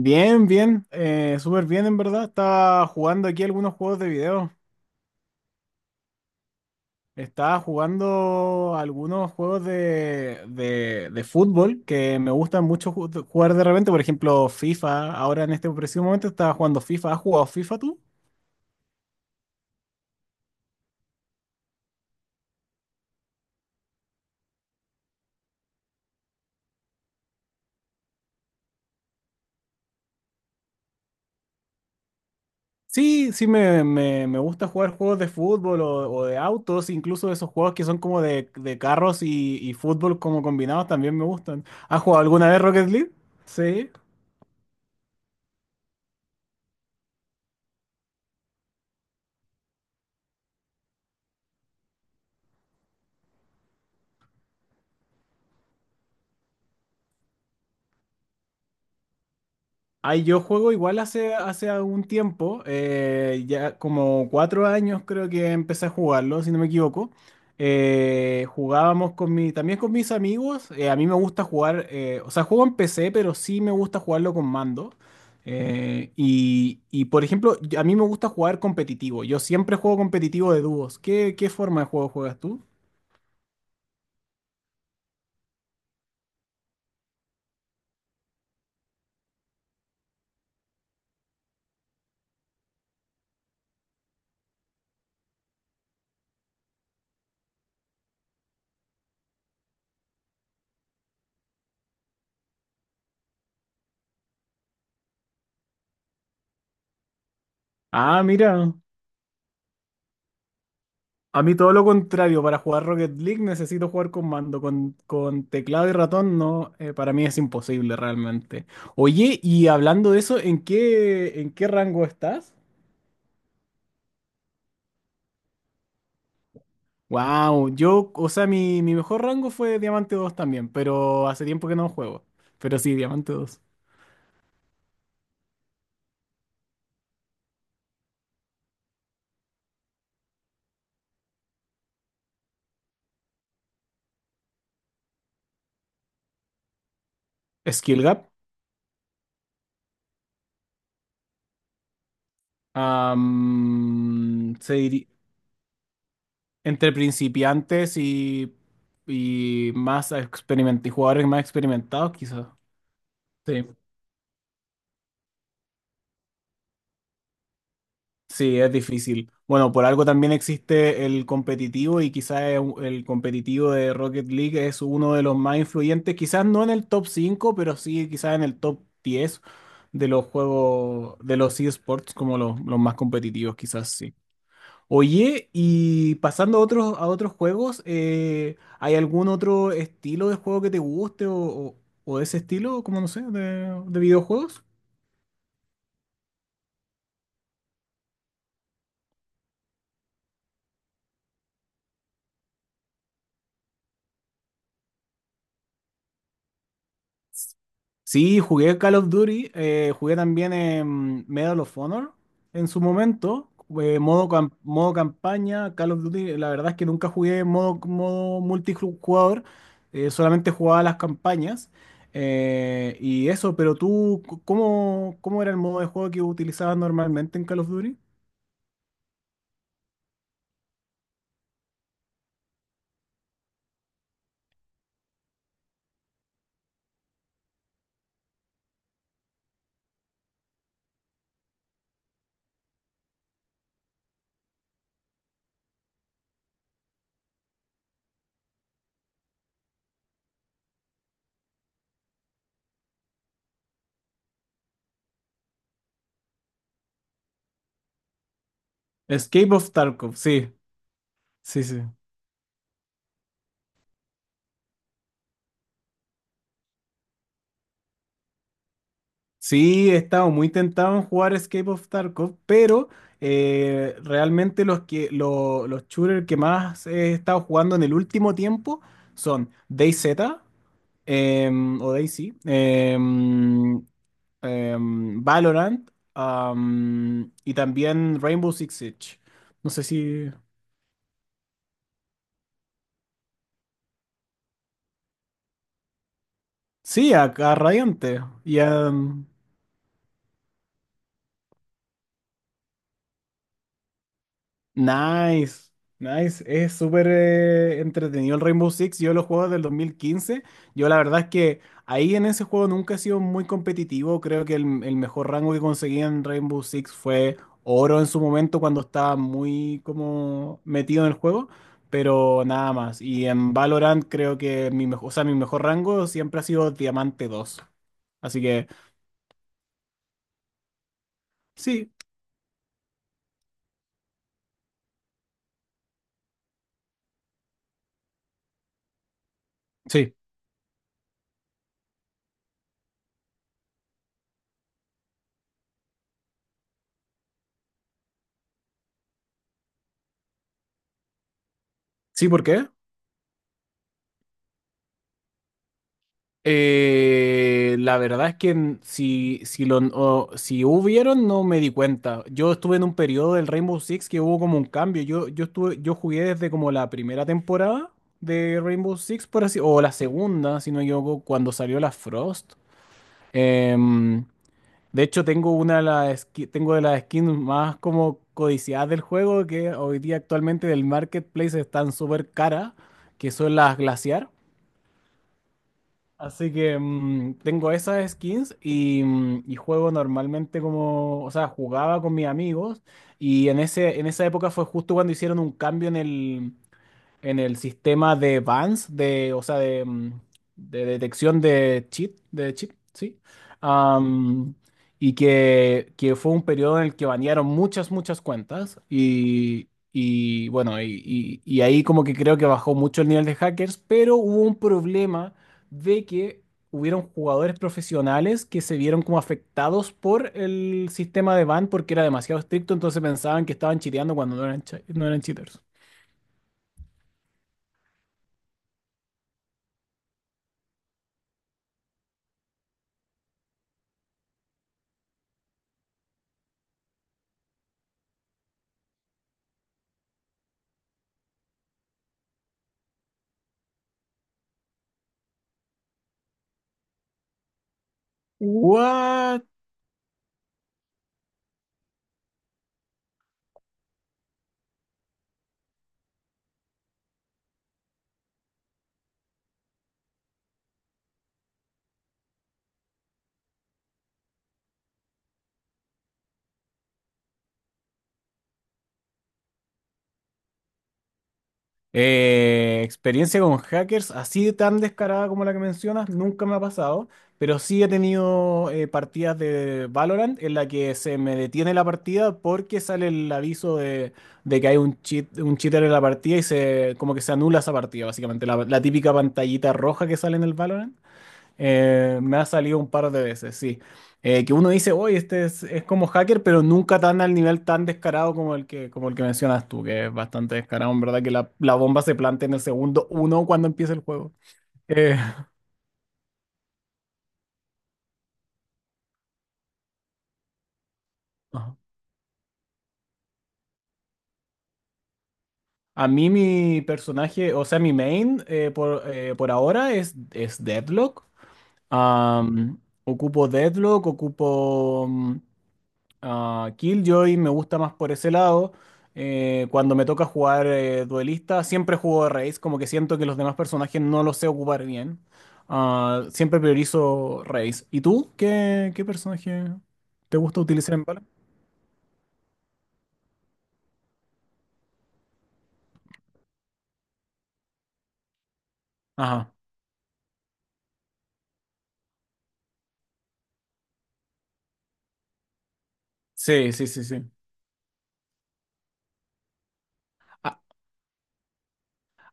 Bien, bien, súper bien en verdad. Estaba jugando aquí algunos juegos de video. Estaba jugando algunos juegos de fútbol que me gustan mucho jugar de repente. Por ejemplo, FIFA. Ahora en este preciso momento estaba jugando FIFA. ¿Has jugado FIFA tú? Sí, sí, me gusta jugar juegos de fútbol o de autos, incluso esos juegos que son como de carros y fútbol como combinados también me gustan. ¿Has jugado alguna vez Rocket League? Sí. Ay, yo juego igual hace algún tiempo, ya como 4 años creo que empecé a jugarlo, si no me equivoco. Jugábamos con mi, también con mis amigos. A mí me gusta jugar, o sea, juego en PC, pero sí me gusta jugarlo con mando. Por ejemplo, a mí me gusta jugar competitivo. Yo siempre juego competitivo de dúos. ¿Qué forma de juego juegas tú? Ah, mira. A mí todo lo contrario, para jugar Rocket League necesito jugar con mando, con teclado y ratón no, para mí es imposible realmente. Oye, y hablando de eso, ¿en qué rango estás? Wow, yo, o sea, mi mejor rango fue Diamante dos también, pero hace tiempo que no juego. Pero sí, Diamante dos. Skill Gap. am, se diri- Entre principiantes y más experimentados, y jugadores más experimentados quizás. Sí. Sí, es difícil. Bueno, por algo también existe el competitivo y quizás el competitivo de Rocket League es uno de los más influyentes, quizás no en el top 5, pero sí quizás en el top 10 de los juegos, de los eSports como los más competitivos, quizás sí. Oye, y pasando a otros juegos, ¿hay algún otro estilo de juego que te guste o de ese estilo, como no sé, de videojuegos? Sí, jugué Call of Duty, jugué también en Medal of Honor en su momento, modo campaña, Call of Duty, la verdad es que nunca jugué modo multijugador, solamente jugaba las campañas y eso, pero tú, ¿cómo, cómo era el modo de juego que utilizabas normalmente en Call of Duty? Escape of Tarkov, sí, sí, sí. Sí, he estado muy tentado en jugar Escape of Tarkov, pero realmente los los shooters que más he estado jugando en el último tiempo son DayZ o DayZ, em, Valorant y también Rainbow Six Siege. No sé si... Sí, a Radiante y a, nice, nice. Es súper entretenido el Rainbow Six. Yo lo juego del 2015. Yo la verdad es que ahí en ese juego nunca he sido muy competitivo. Creo que el mejor rango que conseguí en Rainbow Six fue oro en su momento cuando estaba muy como metido en el juego, pero nada más. Y en Valorant creo que mi mejor, o sea, mi mejor rango siempre ha sido diamante dos. Así que sí, sí. Sí, ¿por qué? La verdad es que si, si, si hubieron, no me di cuenta. Yo estuve en un periodo del Rainbow Six que hubo como un cambio. Yo estuve, yo jugué desde como la primera temporada de Rainbow Six, por así, o la segunda, si no me equivoco, cuando salió la Frost. Em, de hecho, tengo una de las tengo de las skins más como codiciadas del juego, que hoy día actualmente del marketplace están súper caras, que son las Glaciar. Así que tengo esas skins y, y juego normalmente como, o sea, jugaba con mis amigos y en en esa época fue justo cuando hicieron un cambio en en el sistema de Vance, de, o sea, de detección de de cheat, sí. Am, y que fue un periodo en el que banearon muchas cuentas. Y bueno, y ahí como que creo que bajó mucho el nivel de hackers, pero hubo un problema de que hubieron jugadores profesionales que se vieron como afectados por el sistema de ban porque era demasiado estricto, entonces pensaban que estaban chiteando cuando no eran, no eran cheaters. ¿What? Experiencia con hackers, así de tan descarada como la que mencionas, nunca me ha pasado, pero sí he tenido partidas de Valorant en la que se me detiene la partida porque sale el aviso de que hay un cheat, un cheater en la partida y se como que se anula esa partida, básicamente, la típica pantallita roja que sale en el Valorant. Me ha salido un par de veces, sí. Que uno dice, oye, este es como hacker, pero nunca tan al nivel tan descarado como como el que mencionas tú, que es bastante descarado, en verdad, que la bomba se plantea en el segundo uno cuando empieza el juego. Eh, ajá. A mí mi personaje, o sea, mi main por ahora es Deadlock. Am, Ocupo Deadlock, ocupo Killjoy, me gusta más por ese lado. Cuando me toca jugar duelista, siempre juego Raze, como que siento que los demás personajes no los sé ocupar bien. Ah, siempre priorizo Raze. ¿Y tú? ¿Qué personaje te gusta utilizar en Valorant? Ajá. Sí, sí, sí, sí.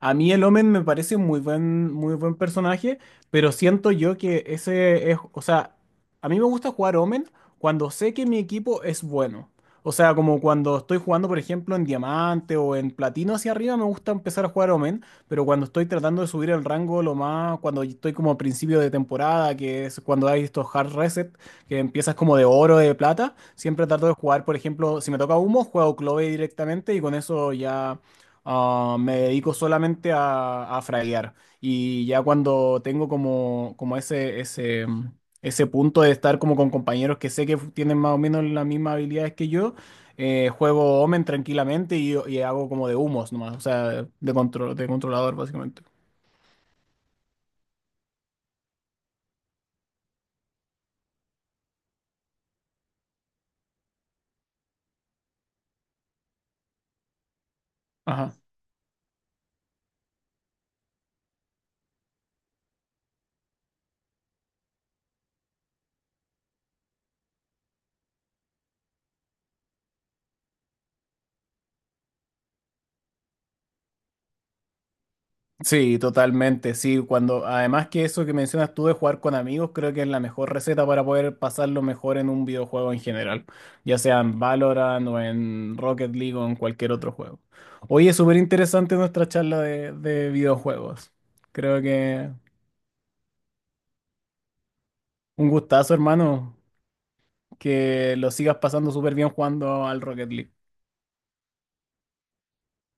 A mí el Omen me parece un muy buen personaje, pero siento yo que ese es, o sea, a mí me gusta jugar Omen cuando sé que mi equipo es bueno. O sea, como cuando estoy jugando, por ejemplo, en diamante o en platino hacia arriba, me gusta empezar a jugar Omen, pero cuando estoy tratando de subir el rango lo más, cuando estoy como a principio de temporada, que es cuando hay estos hard reset, que empiezas como de oro, de plata, siempre trato de jugar, por ejemplo, si me toca humo, juego Clove directamente y con eso ya ah, me dedico solamente a fraguear y ya cuando tengo como, como ese, ese punto de estar como con compañeros que sé que tienen más o menos las mismas habilidades que yo, juego Omen tranquilamente y hago como de humos nomás, o sea, de, control, de controlador básicamente. Ajá. Sí, totalmente, sí, cuando además que eso que mencionas tú de jugar con amigos, creo que es la mejor receta para poder pasarlo mejor en un videojuego en general, ya sea en Valorant o en Rocket League o en cualquier otro juego. Hoy es súper interesante nuestra charla de videojuegos. Creo que un gustazo, hermano, que lo sigas pasando súper bien jugando al Rocket League.